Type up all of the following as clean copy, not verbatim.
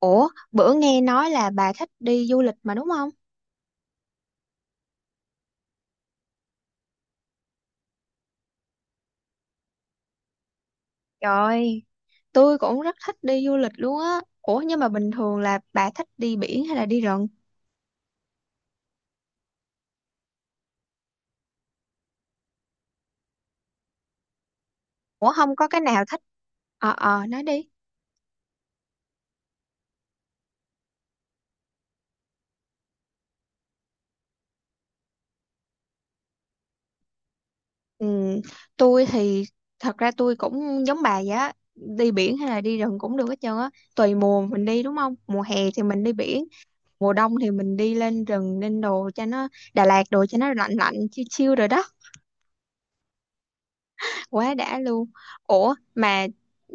Ủa, bữa nghe nói là bà thích đi du lịch mà đúng không? Trời, tôi cũng rất thích đi du lịch luôn á. Ủa nhưng mà bình thường là bà thích đi biển hay là đi rừng? Ủa không có cái nào thích? Nói đi. Ừ, tôi thì thật ra tôi cũng giống bà vậy á. Đi biển hay là đi rừng cũng được hết trơn á. Tùy mùa mình đi đúng không? Mùa hè thì mình đi biển, mùa đông thì mình đi lên rừng lên đồ cho nó Đà Lạt đồ cho nó lạnh lạnh chill chill rồi đó. Quá đã luôn. Ủa mà,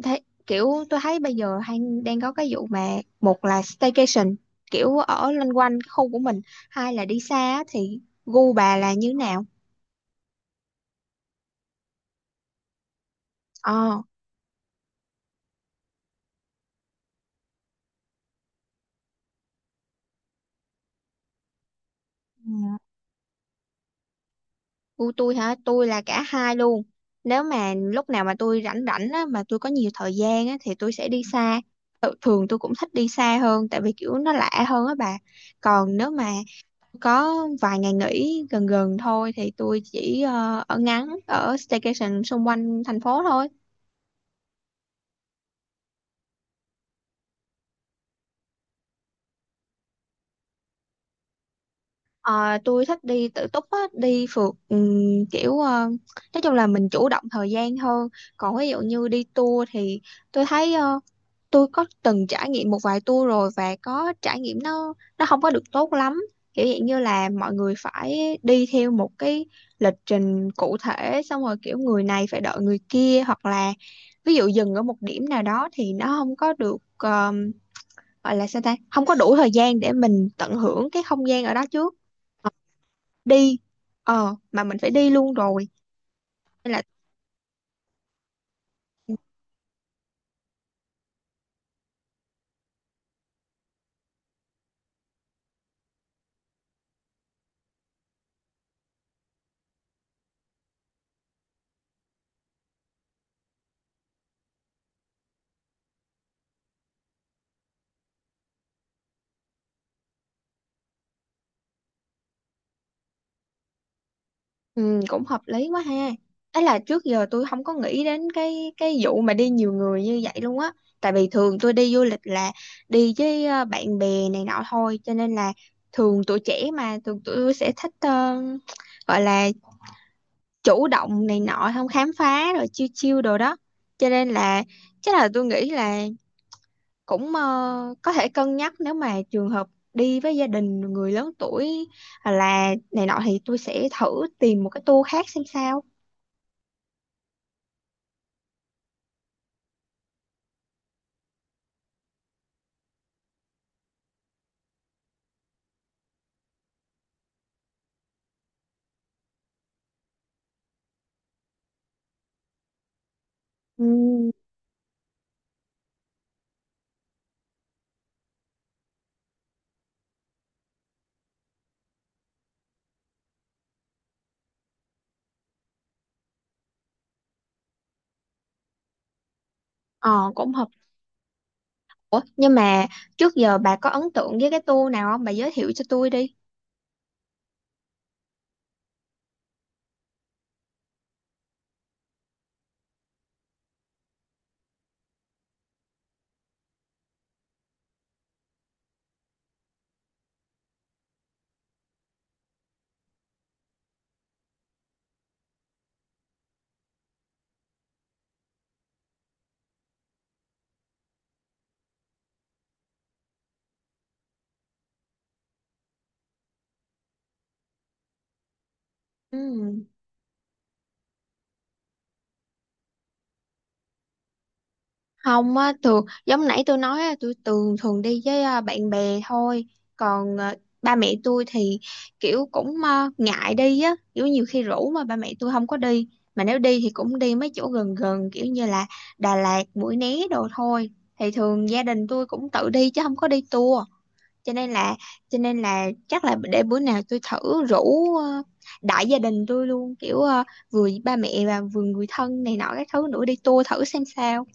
thấy kiểu tôi thấy bây giờ đang có cái vụ mà một là staycation, kiểu ở loanh quanh cái khu của mình, hai là đi xa á, thì gu bà là như nào? Ờ. Ừ. Gu tôi hả? Tôi là cả hai luôn. Nếu mà lúc nào mà tôi rảnh rảnh á mà tôi có nhiều thời gian á thì tôi sẽ đi xa. Thường tôi cũng thích đi xa hơn tại vì kiểu nó lạ hơn á bà. Còn nếu mà có vài ngày nghỉ gần gần thôi thì tôi chỉ ở staycation xung quanh thành phố thôi. Ờ, tôi thích đi tự túc á, đi phượt, kiểu, nói chung là mình chủ động thời gian hơn. Còn ví dụ như đi tour thì tôi thấy, tôi có từng trải nghiệm một vài tour rồi và có trải nghiệm nó không có được tốt lắm. Kiểu dạng như là mọi người phải đi theo một cái lịch trình cụ thể, xong rồi kiểu người này phải đợi người kia, hoặc là ví dụ dừng ở một điểm nào đó thì nó không có được, gọi là sao ta, không có đủ thời gian để mình tận hưởng cái không gian ở đó trước. Ờ, đi ờ mà mình phải đi luôn rồi, nên là. Ừ, cũng hợp lý quá ha. Ấy là trước giờ tôi không có nghĩ đến cái vụ mà đi nhiều người như vậy luôn á. Tại vì thường tôi đi du lịch là đi với, bạn bè này nọ thôi, cho nên là thường tuổi trẻ mà thường tụi tôi sẽ thích, gọi là chủ động này nọ, không khám phá rồi chiêu chiêu đồ đó. Cho nên là chắc là tôi nghĩ là cũng, có thể cân nhắc nếu mà trường hợp đi với gia đình người lớn tuổi hoặc là này nọ thì tôi sẽ thử tìm một cái tour khác xem sao. Ừ, ờ cũng hợp. Ủa, nhưng mà trước giờ bà có ấn tượng với cái tour nào không? Bà giới thiệu cho tôi đi. Ừ. Không á, thường giống nãy tôi nói á, tôi thường thường đi với, bạn bè thôi. Còn, ba mẹ tôi thì kiểu cũng, ngại đi á, kiểu nhiều khi rủ mà ba mẹ tôi không có đi. Mà nếu đi thì cũng đi mấy chỗ gần gần kiểu như là Đà Lạt, Mũi Né đồ thôi. Thì thường gia đình tôi cũng tự đi chứ không có đi tour. cho nên là cho nên là chắc là để bữa nào tôi thử rủ, đại gia đình tôi luôn, kiểu, vừa ba mẹ và vừa người thân này nọ các thứ nữa đi tour thử xem sao.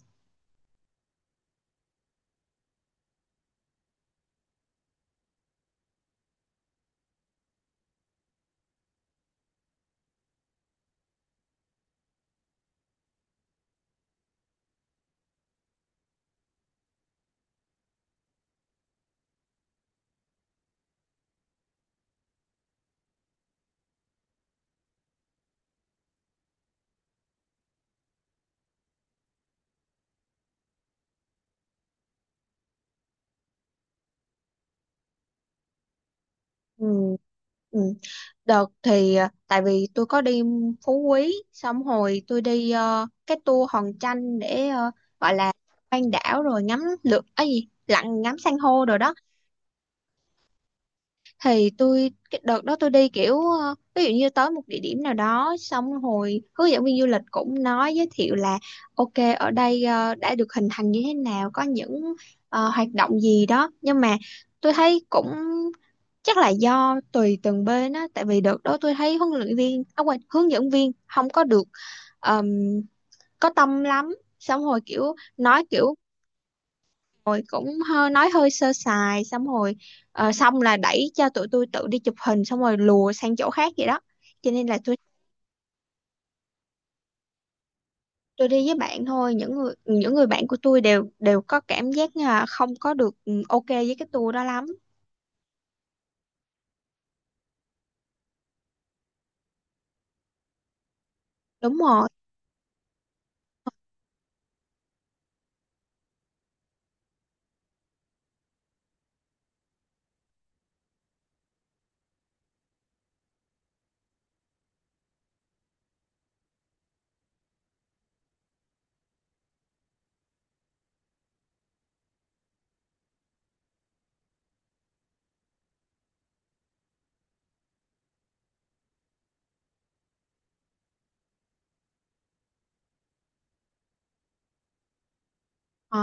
Ừ. Ừ. Đợt thì, tại vì tôi có đi Phú Quý, xong hồi tôi đi, cái tour Hòn Tranh để, gọi là quanh đảo rồi ngắm lượt ấy gì, lặn ngắm san hô rồi đó. Thì tôi cái đợt đó tôi đi kiểu, ví dụ như tới một địa điểm nào đó, xong hồi hướng dẫn viên du lịch cũng nói giới thiệu là ok, ở đây, đã được hình thành như thế nào, có những, hoạt động gì đó. Nhưng mà tôi thấy cũng chắc là do tùy từng bên á, tại vì đợt đó tôi thấy huấn luyện viên, à, quên, hướng dẫn viên không có được, ờm, có tâm lắm. Xong hồi kiểu nói kiểu rồi cũng hơi nói hơi sơ sài, xong rồi, xong là đẩy cho tụi tôi tự đi chụp hình xong rồi lùa sang chỗ khác vậy đó. Cho nên là tôi đi với bạn thôi. Những người bạn của tôi đều đều có cảm giác là không có được, ok với cái tour đó lắm. Đúng rồi. ờ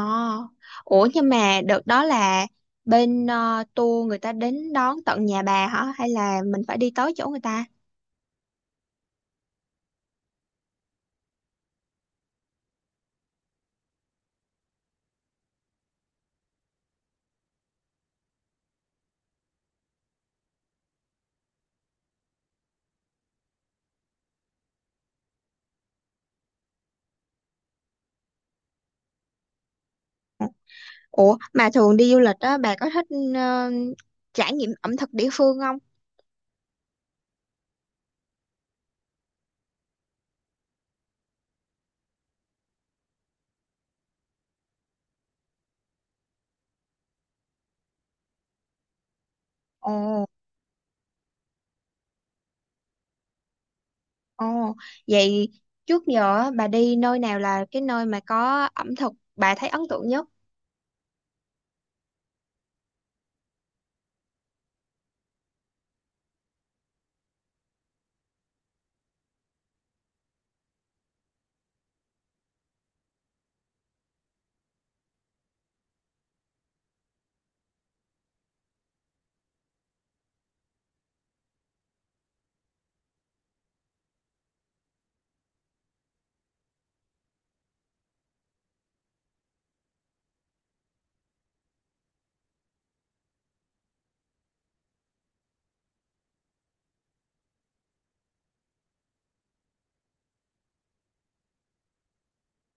ủa nhưng mà đợt đó là bên, tour người ta đến đón tận nhà bà hả, hay là mình phải đi tới chỗ người ta? Ủa mà thường đi du lịch á, bà có thích, ờ, trải nghiệm ẩm thực địa phương không? Ồ. Ồ, vậy trước giờ á, bà đi nơi nào là cái nơi mà có ẩm thực bà thấy ấn tượng nhất?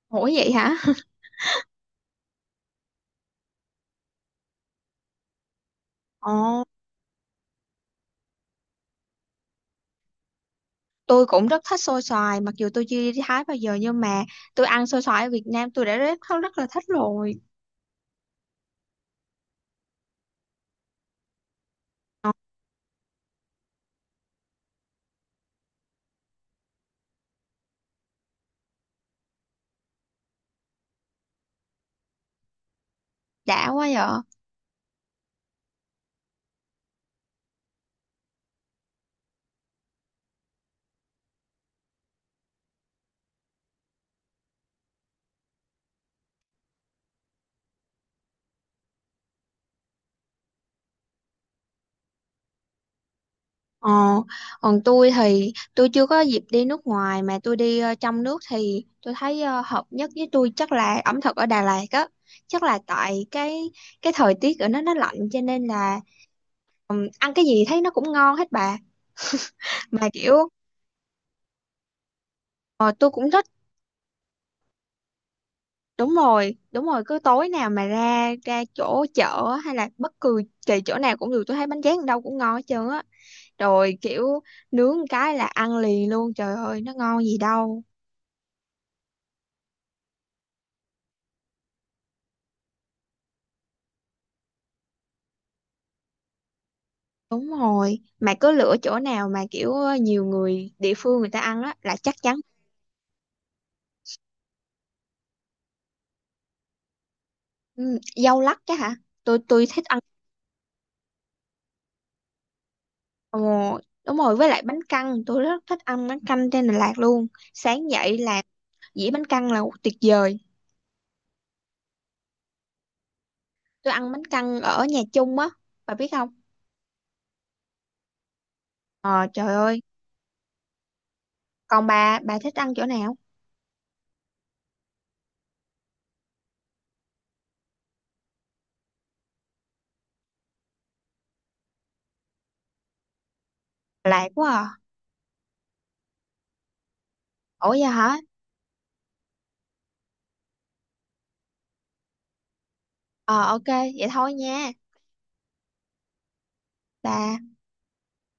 Ủa vậy hả? Ồ, tôi cũng rất thích xôi xoài, mặc dù tôi chưa đi Thái bao giờ nhưng mà tôi ăn xôi xoài ở Việt Nam tôi đã rất rất là thích rồi. Ờ, đã quá vậy. Ờ, còn tôi thì tôi chưa có dịp đi nước ngoài, mà tôi đi, trong nước thì tôi thấy, hợp nhất với tôi chắc là ẩm thực ở Đà Lạt á. Chắc là tại cái thời tiết ở nó lạnh cho nên là. Ăn cái gì thấy nó cũng ngon hết bà. Mà kiểu, ờ, tôi cũng thích. Đúng rồi, đúng rồi, cứ tối nào mà ra ra chỗ chợ hay là bất cứ kỳ chỗ nào cũng được, tôi thấy bánh tráng ở đâu cũng ngon hết trơn á. Rồi kiểu nướng một cái là ăn liền luôn, trời ơi nó ngon gì đâu. Đúng rồi, mà cứ lựa chỗ nào mà kiểu nhiều người địa phương người ta ăn á là chắc chắn. Ừ, dâu lắc chứ hả. Tôi thích ăn. Ồ, đúng rồi, với lại bánh căn tôi rất thích ăn bánh canh trên Đà Lạt luôn. Sáng dậy là dĩa bánh căn là tuyệt vời. Tôi ăn bánh căn ở nhà chung á, bà biết không? Ờ, trời ơi. Còn bà thích ăn chỗ nào? Lạ quá à. Ủa vậy hả? Ờ, ok. Vậy thôi nha. Bà.